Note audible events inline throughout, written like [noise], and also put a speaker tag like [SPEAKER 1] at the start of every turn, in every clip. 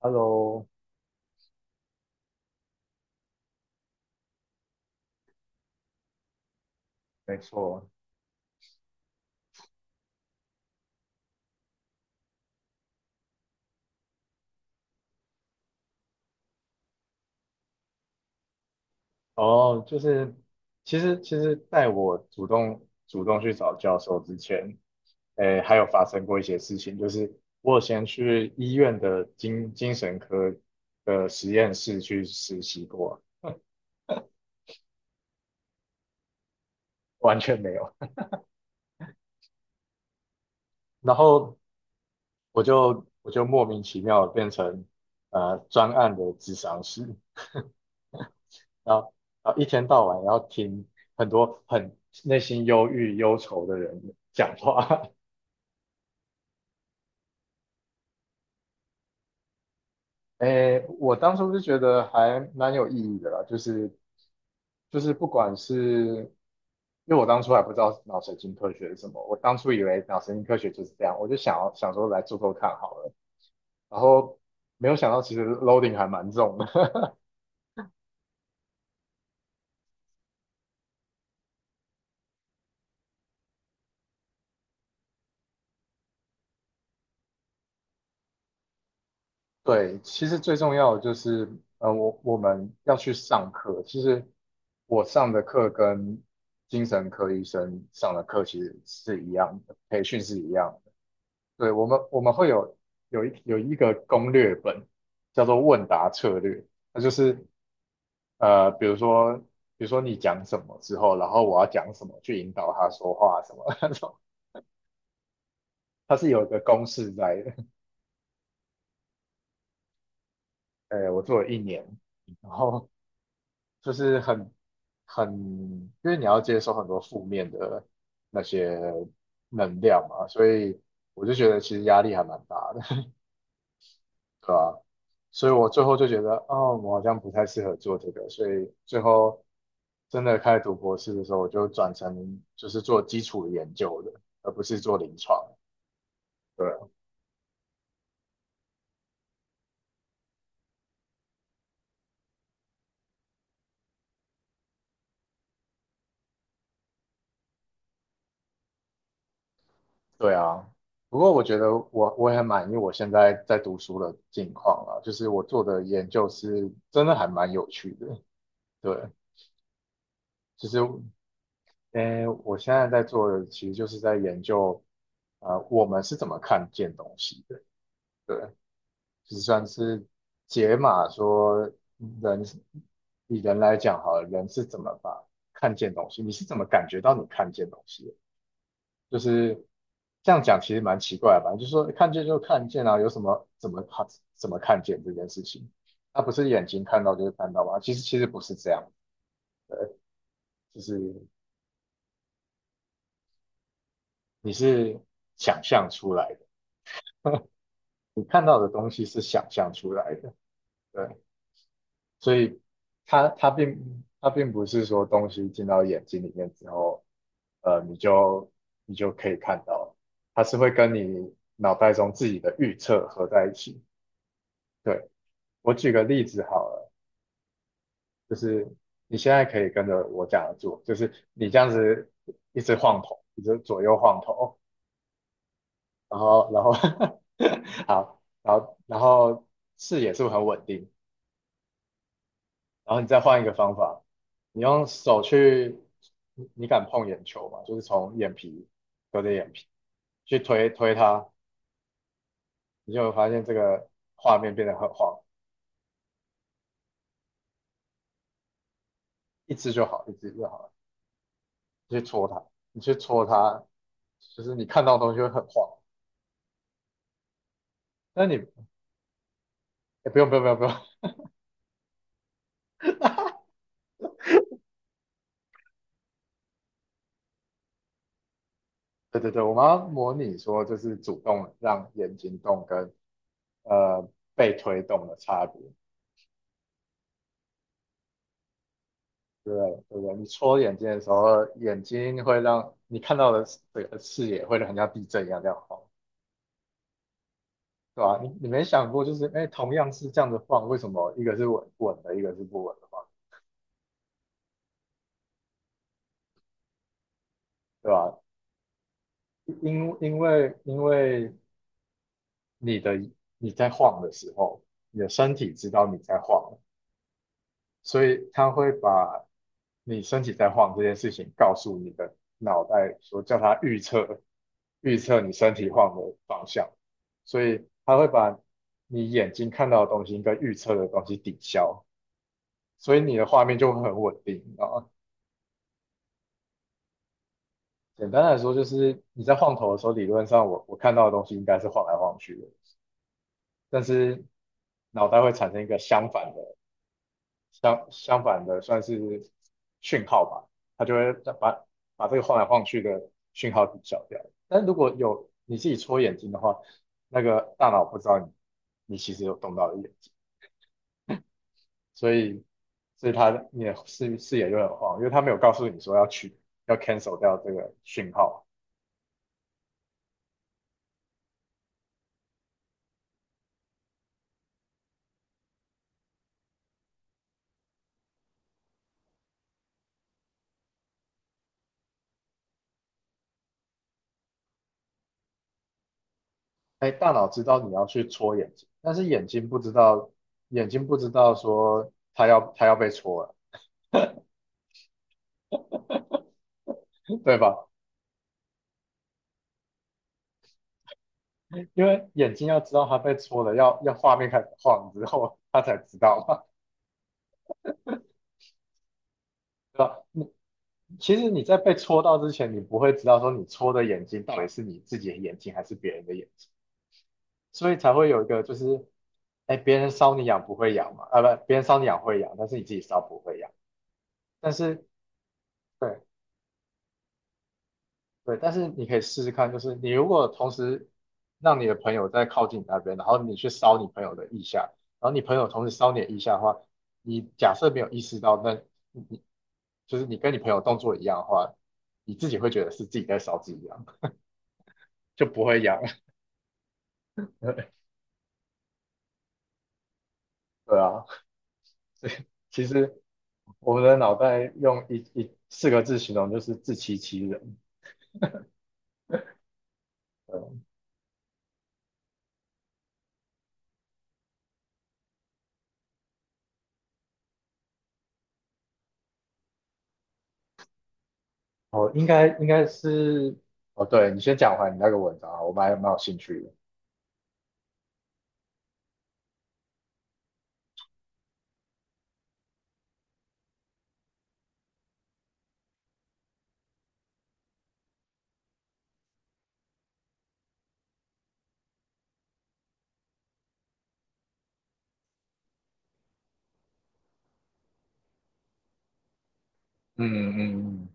[SPEAKER 1] Hello，没错。哦，就是其实，在我主动去找教授之前，诶，还有发生过一些事情，就是我有先去医院的精神科的实验室去实习过。完全没有。然后我就莫名其妙地变成专案的智商师，然后然后一天到晚要听很多很内心忧郁忧愁的人讲话。[laughs] 诶，我当初是觉得还蛮有意义的啦，就是就是不管是，因为我当初还不知道脑神经科学是什么，我当初以为脑神经科学就是这样，我就想说来做做看好了，然后没有想到其实 loading 还蛮重的。[laughs] 对，其实最重要的就是，我们要去上课。其实我上的课跟精神科医生上的课其实是一样的，培训是一样对。我们会有有一个攻略本，叫做问答策略。那就是呃，比如说你讲什么之后，然后我要讲什么去引导他说话什么 [laughs] 那种，它是有一个公式在的。[laughs] 呃，我做了1年，然后就是很，因为你要接收很多负面的那些能量嘛，所以我就觉得其实压力还蛮大的。对吧？所以我最后就觉得，哦，我好像不太适合做这个，所以最后真的开始读博士的时候，我就转成就是做基础研究的，而不是做临床。对，对啊，不过我觉得我也很满意我现在在读书的境况啊，就是我做的研究是真的还蛮有趣的。对，就是呃，我现在在做的其实就是在研究，呃，我们是怎么看见东西的。对，就算是解码说人，以人来讲好了，人是怎么把看见东西，你是怎么感觉到你看见东西的，就是这样讲其实蛮奇怪的吧？就是说看见就看见啊，有什么怎么看怎么看见这件事情？那不是眼睛看到就是看到吗？其实不是这样，就是你是想象出来的，你看到的东西是想象出来的，对。所以它并不是说东西进到眼睛里面之后，呃，你就可以看到，它是会跟你脑袋中自己的预测合在一起。对，我举个例子好了，就是你现在可以跟着我讲的做，就是你这样子一直晃头，一直左右晃头，然后 [laughs] 好，然后视野是不是很稳定？然后你再换一个方法，你用手去，你敢碰眼球吗？就是从眼皮隔着眼皮去推推它，你就会发现这个画面变得很晃。一只就好，一只就好了。你去戳它，你去戳它，就是你看到的东西会很晃。那你，诶不用，[laughs] 对对对，我们要模拟说就是主动让眼睛动跟呃被推动的差别。对，对不对，你戳眼睛的时候，眼睛会让你看到的这个视野会很像地震一样这样晃，对吧？你没想过就是，哎，同样是这样子晃，为什么一个是稳稳的，一个是不稳的嘛，对吧？因为你的你在晃的时候，你的身体知道你在晃，所以它会把你身体在晃这件事情告诉你的脑袋，说叫它预测，预测你身体晃的方向，所以它会把你眼睛看到的东西跟预测的东西抵消，所以你的画面就会很稳定。啊，简单来说，就是你在晃头的时候，理论上我看到的东西应该是晃来晃去的，但是脑袋会产生一个相反的相反的算是讯号吧，它就会把这个晃来晃去的讯号抵消掉。但如果有你自己戳眼睛的话，那个大脑不知道你其实有动到眼睛，所以所以你的视野就很晃，因为它没有告诉你说要去要 cancel 掉这个讯号。哎，大脑知道你要去戳眼睛，但是眼睛不知道说它要被戳了，对吧？因为眼睛要知道它被戳了，要画面开始晃之后，它才知道嘛。[laughs] 对吧？其实你在被戳到之前，你不会知道说你戳的眼睛到底是你自己的眼睛还是别人的眼睛，所以才会有一个就是，哎，别人搔你痒不会痒嘛，啊不，别人搔你痒会痒，但是你自己搔不会痒。但是对，对，但是你可以试试看，就是你如果同时让你的朋友在靠近你那边，然后你去搔你朋友的腋下，然后你朋友同时搔你的腋下的话，你假设没有意识到那。你就是你跟你朋友动作一样的话，你自己会觉得是自己在烧自己痒，就不会痒。[laughs] 对啊，其实我们的脑袋用一四个字形容就是自欺欺人。对，哦，应该是，哦，对你先讲完你那个文章啊，我们还蛮有兴趣的。嗯嗯嗯，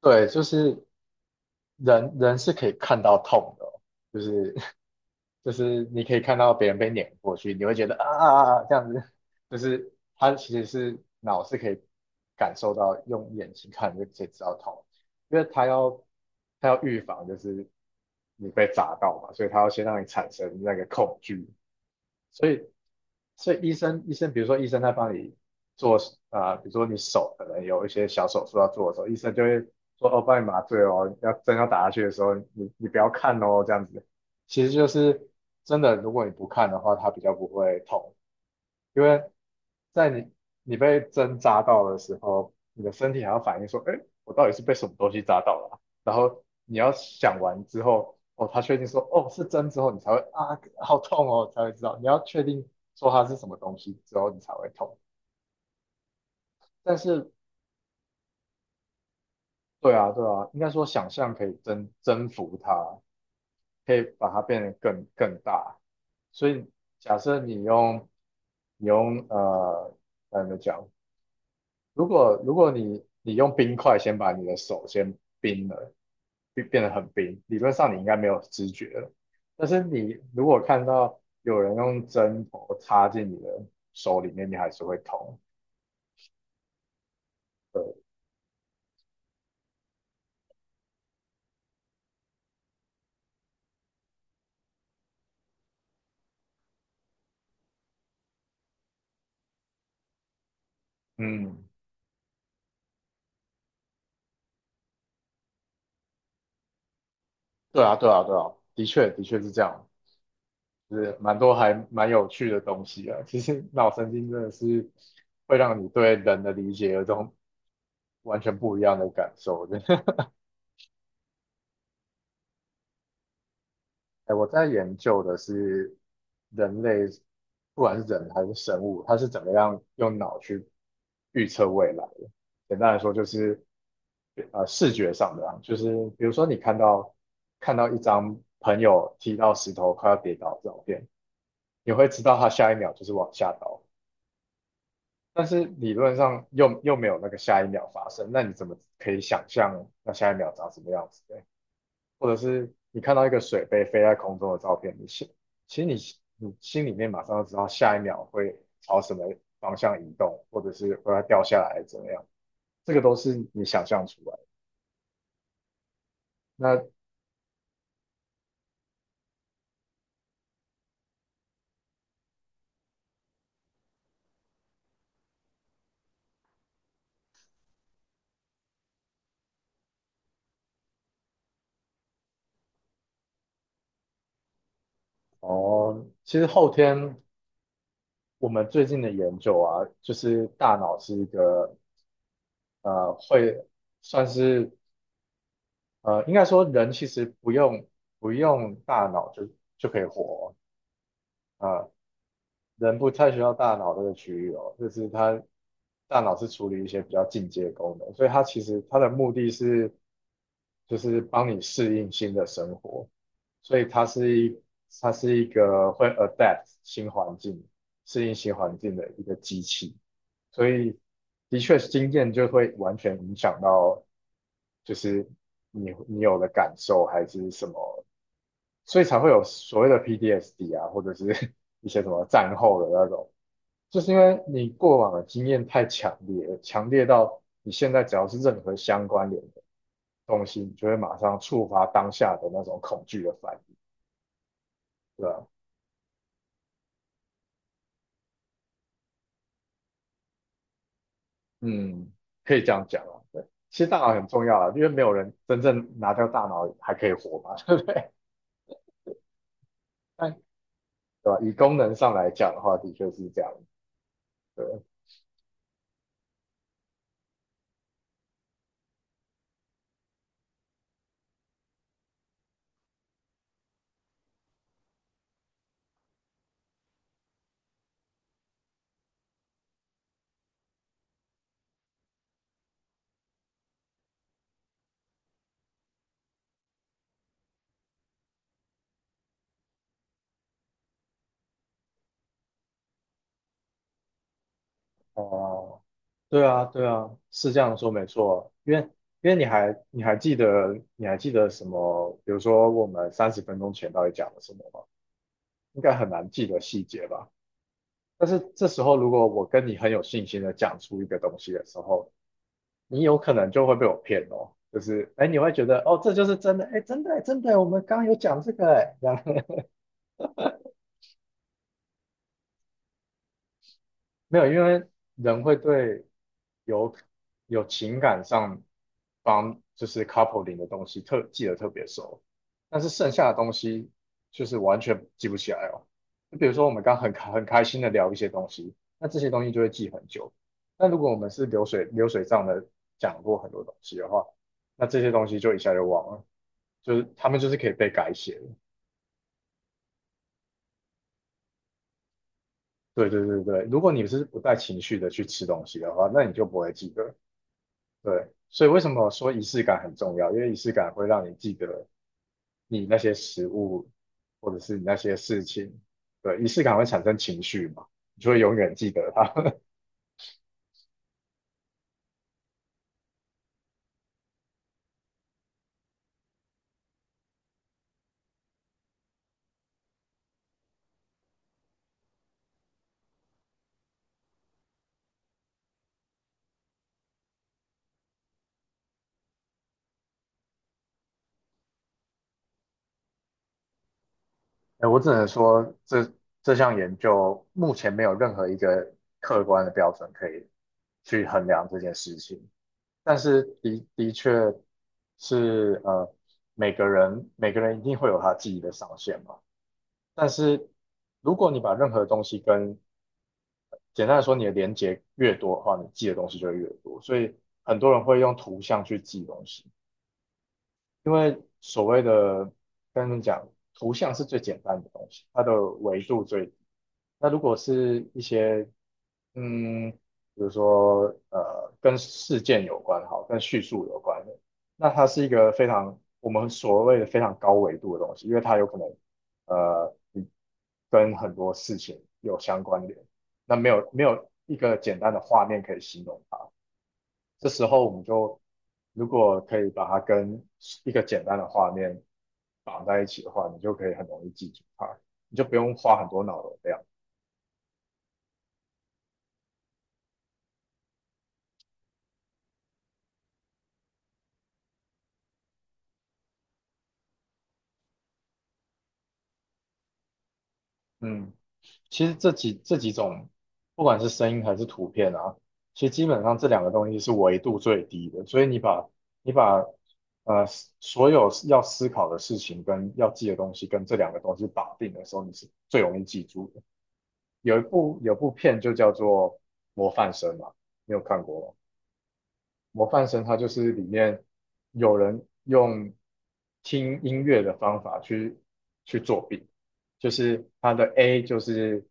[SPEAKER 1] 对，就是人人是可以看到痛的哦，就是 [laughs] 就是你可以看到别人被碾过去，你会觉得啊啊啊啊这样子，就是他其实是脑是可以感受到，用眼睛看就可以知道痛，因为他要预防就是你被砸到嘛，所以他要先让你产生那个恐惧，所以所以医生，医生，比如说医生在帮你做，啊、呃比如说你手可能有一些小手术要做的时候，医生就会说哦，帮你麻醉哦，要针要打下去的时候，你不要看哦，这样子。其实就是真的，如果你不看的话，它比较不会痛，因为在你你被针扎到的时候，你的身体还要反应说，哎，我到底是被什么东西扎到了啊，然后你要想完之后，哦，他确定说，哦，是针之后，你才会啊，好痛哦，才会知道。你要确定说它是什么东西之后，你才会痛。但是，对啊，对啊，应该说想象可以征服它，可以把它变得更大。所以，假设你用呃，该怎么讲？如果你用冰块先把你的手先冰了，变得很冰，理论上你应该没有知觉了。但是你如果看到有人用针头插进你的手里面，你还是会痛。嗯，对啊，对啊，对啊，的确是这样，就是蛮多还蛮有趣的东西啊。其实脑神经真的是会让你对人的理解有种完全不一样的感受的。[laughs] 哎，我在研究的是人类，不管是人还是生物，它是怎么样用脑去预测未来的。简单来说，就是呃视觉上的啊，就是比如说你看到一张朋友踢到石头快要跌倒的照片，你会知道他下一秒就是往下倒，但是理论上又没有那个下一秒发生，那你怎么可以想象那下一秒长什么样子？或者是你看到一个水杯飞在空中的照片，其实你心里面马上就知道下一秒会朝什么方向移动，或者是会要掉下来怎么样，这个都是你想象出来的。那哦，其实后天我们最近的研究啊，就是大脑是一个会算是应该说人其实不用大脑就可以活哦，人不太需要大脑这个区域哦，就是它大脑是处理一些比较进阶功能，所以它其实它的目的是就是帮你适应新的生活，所以它是一个会 adapt 新环境、适应新环境的一个机器，所以的确经验就会完全影响到就是你有的感受还是什么所以才会有所谓的 PTSD 啊，或者是 [laughs] 一些什么战后的那种，就是因为你过往的经验太强烈了，强烈到你现在只要是任何相关联的东西，你就会马上触发当下的那种恐惧的反应，对吧？嗯，可以这样讲啊，对。其实大脑很重要啊，因为没有人真正拿掉大脑还可以活嘛，[laughs] 对吧？以功能上来讲的话，的确是这样，对，哦、对啊，对啊，是这样说没错。因为因为你还记得什么？比如说我们三十分钟前到底讲了什么吗？应该很难记得细节吧。但是这时候如果我跟你很有信心的讲出一个东西的时候，你有可能就会被我骗哦。就是哎，你会觉得哦，这就是真的，哎，真的，真的，我们刚刚有讲这个，哎，这样没有，因为人会对有有情感上方就是 coupling 的东西特记得特别熟，但是剩下的东西就是完全记不起来哦。就比如说我们刚很开心的聊一些东西，那这些东西就会记很久。但如果我们是流水账的讲过很多东西的话，那这些东西就一下就忘了，就是他们就是可以被改写的。对对对对，如果你是不带情绪的去吃东西的话，那你就不会记得。对，所以为什么说仪式感很重要？因为仪式感会让你记得你那些食物，或者是你那些事情。对，仪式感会产生情绪嘛，你就会永远记得它。[laughs] 哎，我只能说这项研究目前没有任何一个客观的标准可以去衡量这件事情，但是的确是每个人每个人一定会有他记忆的上限嘛。但是如果你把任何东西跟简单的说，你的连接越多的话，你记的东西就会越多。所以很多人会用图像去记东西。因为所谓的跟你讲，图像是最简单的东西，它的维度最低那如果是一些嗯，比如说跟事件有关，好，跟叙述有关的，那它是一个非常我们所谓的非常高维度的东西，因为它有可能你跟很多事情有相关联，那没有一个简单的画面可以形容它。这时候我们就如果可以把它跟一个简单的画面绑在一起的话，你就可以很容易记住它，你就不用花很多脑容量。嗯，其实这几种，不管是声音还是图片啊，其实基本上这两个东西是维度最低的，所以你把呃所有要思考的事情跟要记的东西跟这两个东西绑定的时候，你是最容易记住的。有部片就叫做《模范生》嘛，你有看过吗？模范生他就是里面有人用听音乐的方法去作弊，就是他的 A 就是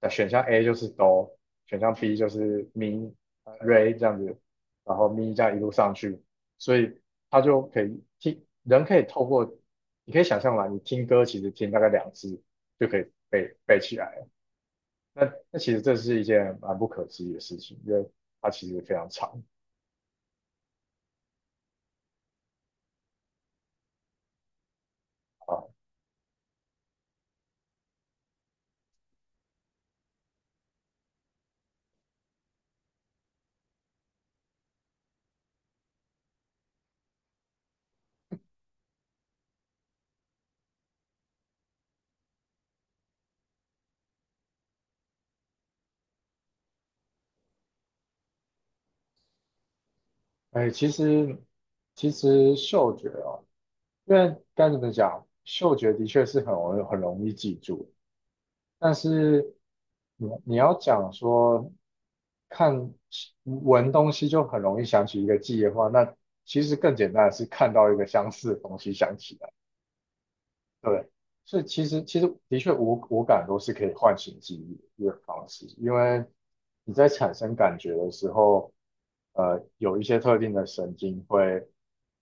[SPEAKER 1] 选项 A 就是哆，选项 B 就是咪、re 这样子，然后咪这样一路上去，所以他就可以听，人可以透过你可以想象嘛，你听歌其实听大概两次就可以背起来了，那其实这是一件蛮不可思议的事情，因为它其实非常长。啊。哎，其实嗅觉哦，因为该怎么讲，嗅觉的确是很容易很容易记住，但是你你要讲说看闻东西就很容易想起一个记忆的话，那其实更简单的是看到一个相似的东西想起来。对，所以其实的确五感都是可以唤醒记忆的方式，因为你在产生感觉的时候，有一些特定的神经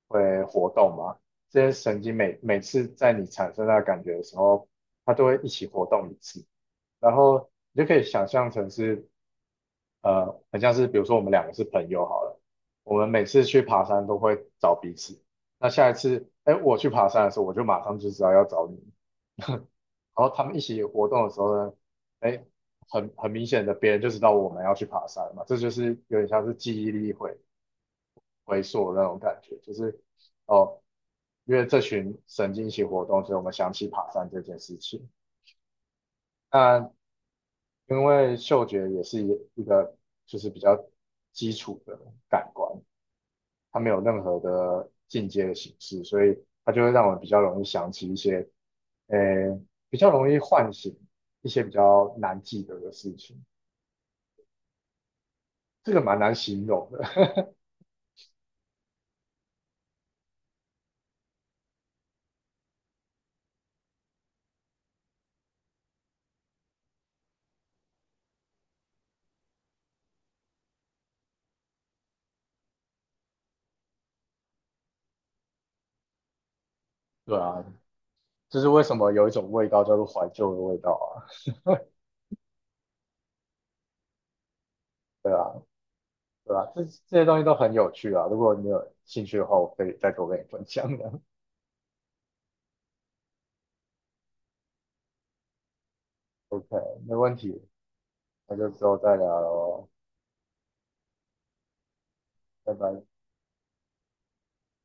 [SPEAKER 1] 会活动嘛，这些神经每次在你产生那个感觉的时候，它都会一起活动一次，然后你就可以想象成是很像是比如说我们两个是朋友好了，我们每次去爬山都会找彼此。那下一次，哎，我去爬山的时候，我就马上就知道要找你。[laughs] 然后他们一起活动的时候呢，哎，很明显的，别人就知道我们要去爬山嘛，这就是有点像是记忆力回溯的那种感觉，就是哦，因为这群神经一起活动，所以我们想起爬山这件事情。那因为嗅觉也是一个就是比较基础的感官，它没有任何的进阶的形式，所以它就会让我们比较容易想起一些，呃，比较容易唤醒一些比较难记得的事情。这个蛮难形容的，[laughs] 对啊，就是为什么有一种味道叫做怀旧的味道啊，对啊，对啊，这些东西都很有趣啊。如果你有兴趣的话，我可以再多跟你分享的。[laughs] OK，没问题，那就之后再聊喽，拜拜。